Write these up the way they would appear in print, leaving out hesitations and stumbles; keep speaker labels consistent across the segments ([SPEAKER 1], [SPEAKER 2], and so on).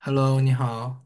[SPEAKER 1] Hello，你好。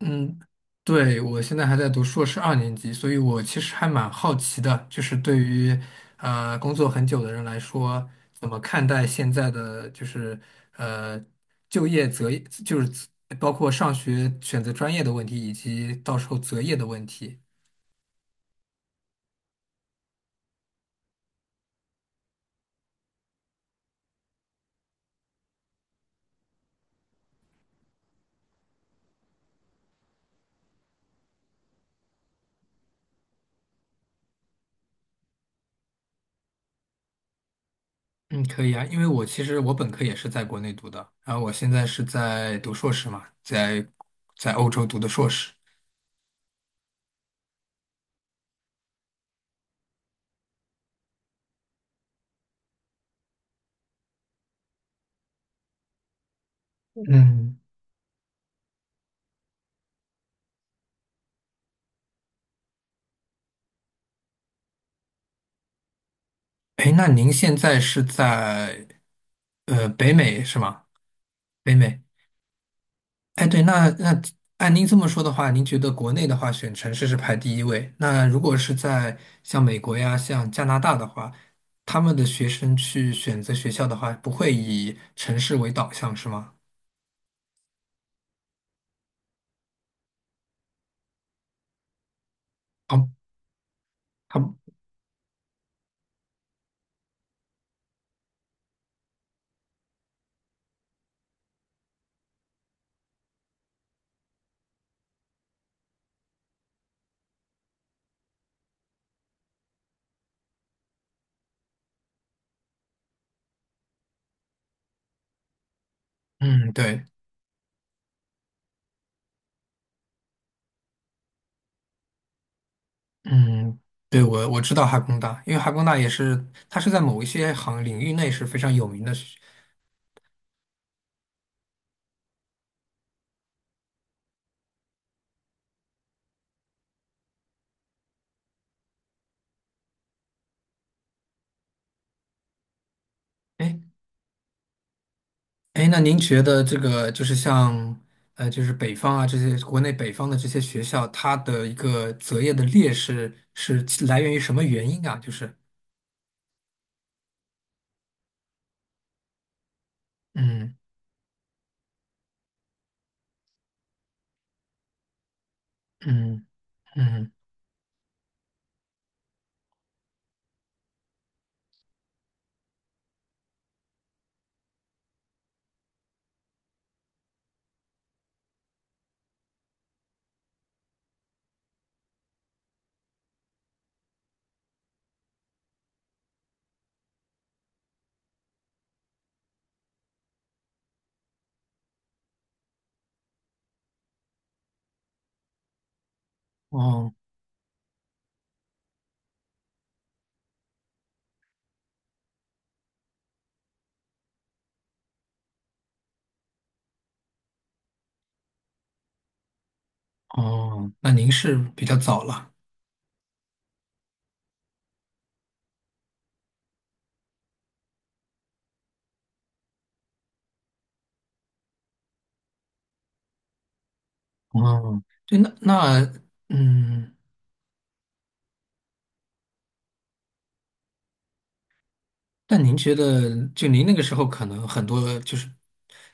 [SPEAKER 1] 嗯，对，我现在还在读硕士二年级，所以我其实还蛮好奇的，就是对于工作很久的人来说，怎么看待现在的就是呃就业择业，就是包括上学选择专业的问题，以及到时候择业的问题。嗯，可以啊，因为我其实我本科也是在国内读的，然后我现在是在读硕士嘛，在欧洲读的硕士。嗯。哎，那您现在是在北美是吗？北美。哎，对，那按您这么说的话，您觉得国内的话选城市是排第一位？那如果是在像美国呀、像加拿大的话，他们的学生去选择学校的话，不会以城市为导向是吗？哦，他嗯，对，嗯，对，我知道哈工大，因为哈工大也是，它是在某一些领域内是非常有名的。哎，哎，那您觉得这个就是像就是北方啊，这些国内北方的这些学校，它的一个择业的劣势是来源于什么原因啊？就是嗯嗯嗯，哦哦，那您是比较早了哦，对，那嗯。但您觉得，就您那个时候可能很多就是，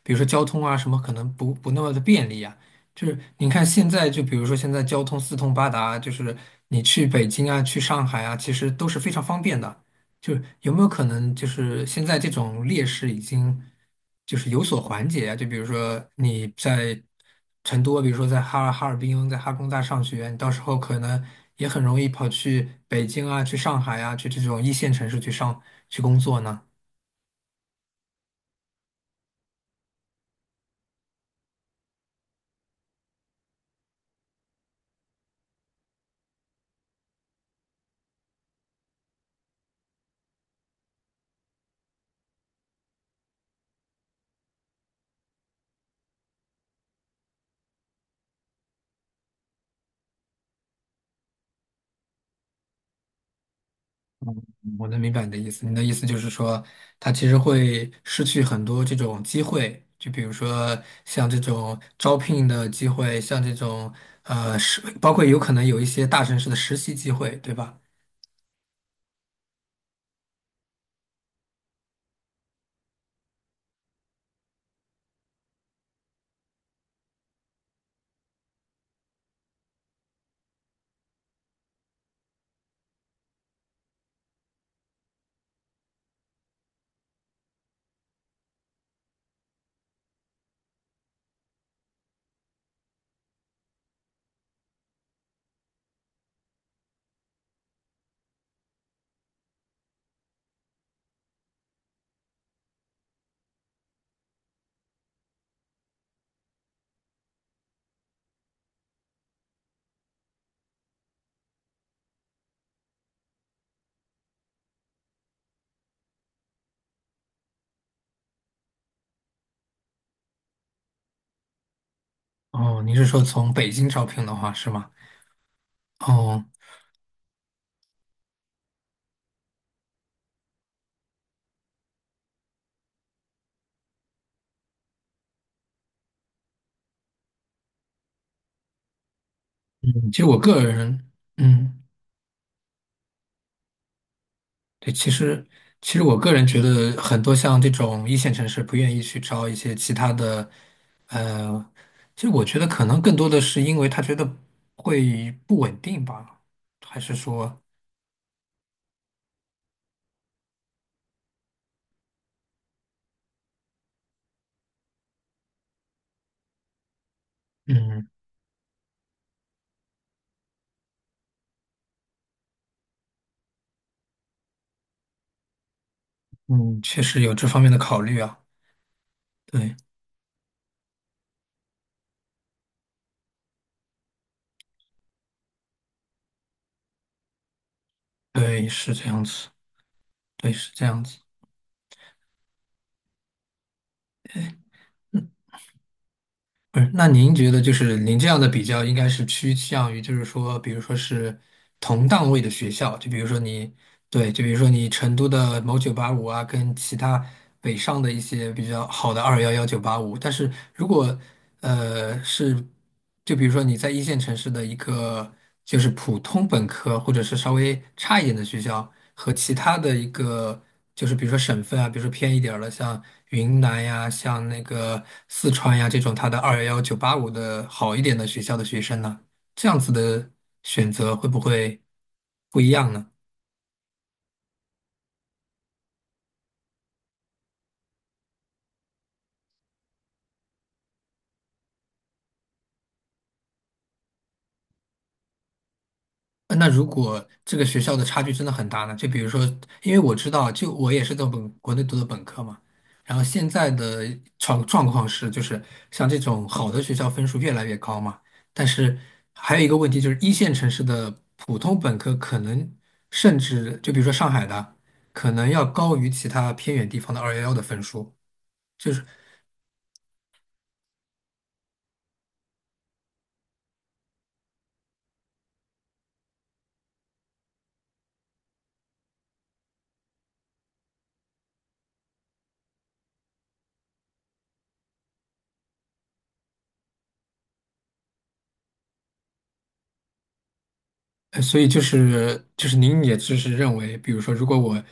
[SPEAKER 1] 比如说交通啊什么，可能不那么的便利啊。就是您看现在，就比如说现在交通四通八达，就是你去北京啊、去上海啊，其实都是非常方便的。就是有没有可能，就是现在这种劣势已经就是有所缓解啊？就比如说你在成都，比如说在哈尔滨，在哈工大上学，你到时候可能也很容易跑去北京啊，去上海啊，去这种一线城市去工作呢？我能明白你的意思，你的意思就是说，他其实会失去很多这种机会，就比如说像这种招聘的机会，像这种包括有可能有一些大城市的实习机会，对吧？哦，你是说从北京招聘的话是吗？哦，嗯其实我个人，嗯，对，其实我个人觉得很多像这种一线城市不愿意去招一些其他的，呃，其实我觉得可能更多的是因为他觉得会不稳定吧，还是说，嗯嗯，确实有这方面的考虑啊，对对，是这样子，对，是这样子。不是，那您觉得就是您这样的比较，应该是趋向于就是说，比如说是同档位的学校，就比如说你对，就比如说你成都的某九八五啊，跟其他北上的一些比较好的211、985，但是如果呃是。就比如说你在一线城市的一个就是普通本科或者是稍微差一点的学校，和其他的一个就是比如说省份啊，比如说偏一点儿的，像云南呀、像那个四川呀这种，它的211、985的好一点的学校的学生呢，这样子的选择会不会不一样呢？那如果这个学校的差距真的很大呢？就比如说，因为我知道，就我也是在本国内读的本科嘛，然后现在的状况是，就是像这种好的学校分数越来越高嘛，但是还有一个问题就是一线城市的普通本科可能甚至就比如说上海的，可能要高于其他偏远地方的211的分数，就是。所以就是您也就是认为，比如说，如果我，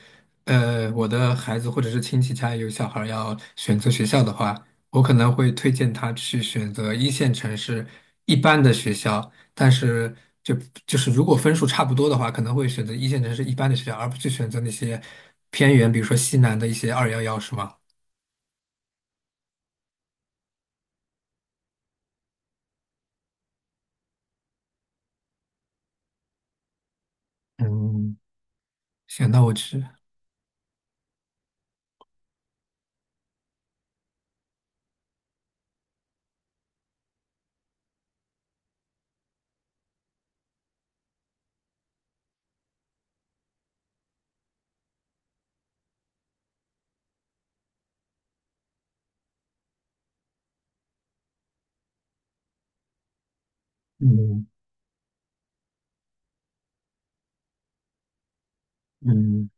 [SPEAKER 1] 呃，我的孩子或者是亲戚家有小孩儿要选择学校的话，我可能会推荐他去选择一线城市一般的学校，但是就就是如果分数差不多的话，可能会选择一线城市一般的学校，而不去选择那些偏远，比如说西南的一些二幺幺，是吗？嗯，行，那我去。嗯嗯。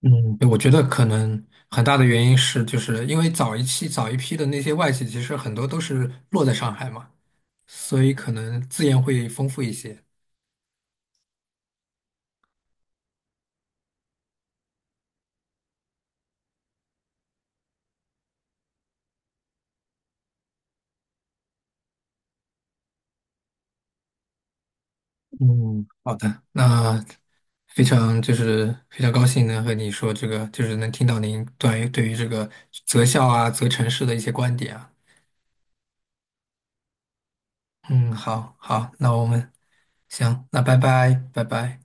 [SPEAKER 1] 嗯，对我觉得可能很大的原因是，就是因为早一期、早一批的那些外企，其实很多都是落在上海嘛，所以可能资源会丰富一些。嗯，好的，那非常高兴能和你说这个，就是能听到您关于对于这个择校啊、择城市的一些观点啊。嗯，好好，那我们行，那拜拜，拜拜。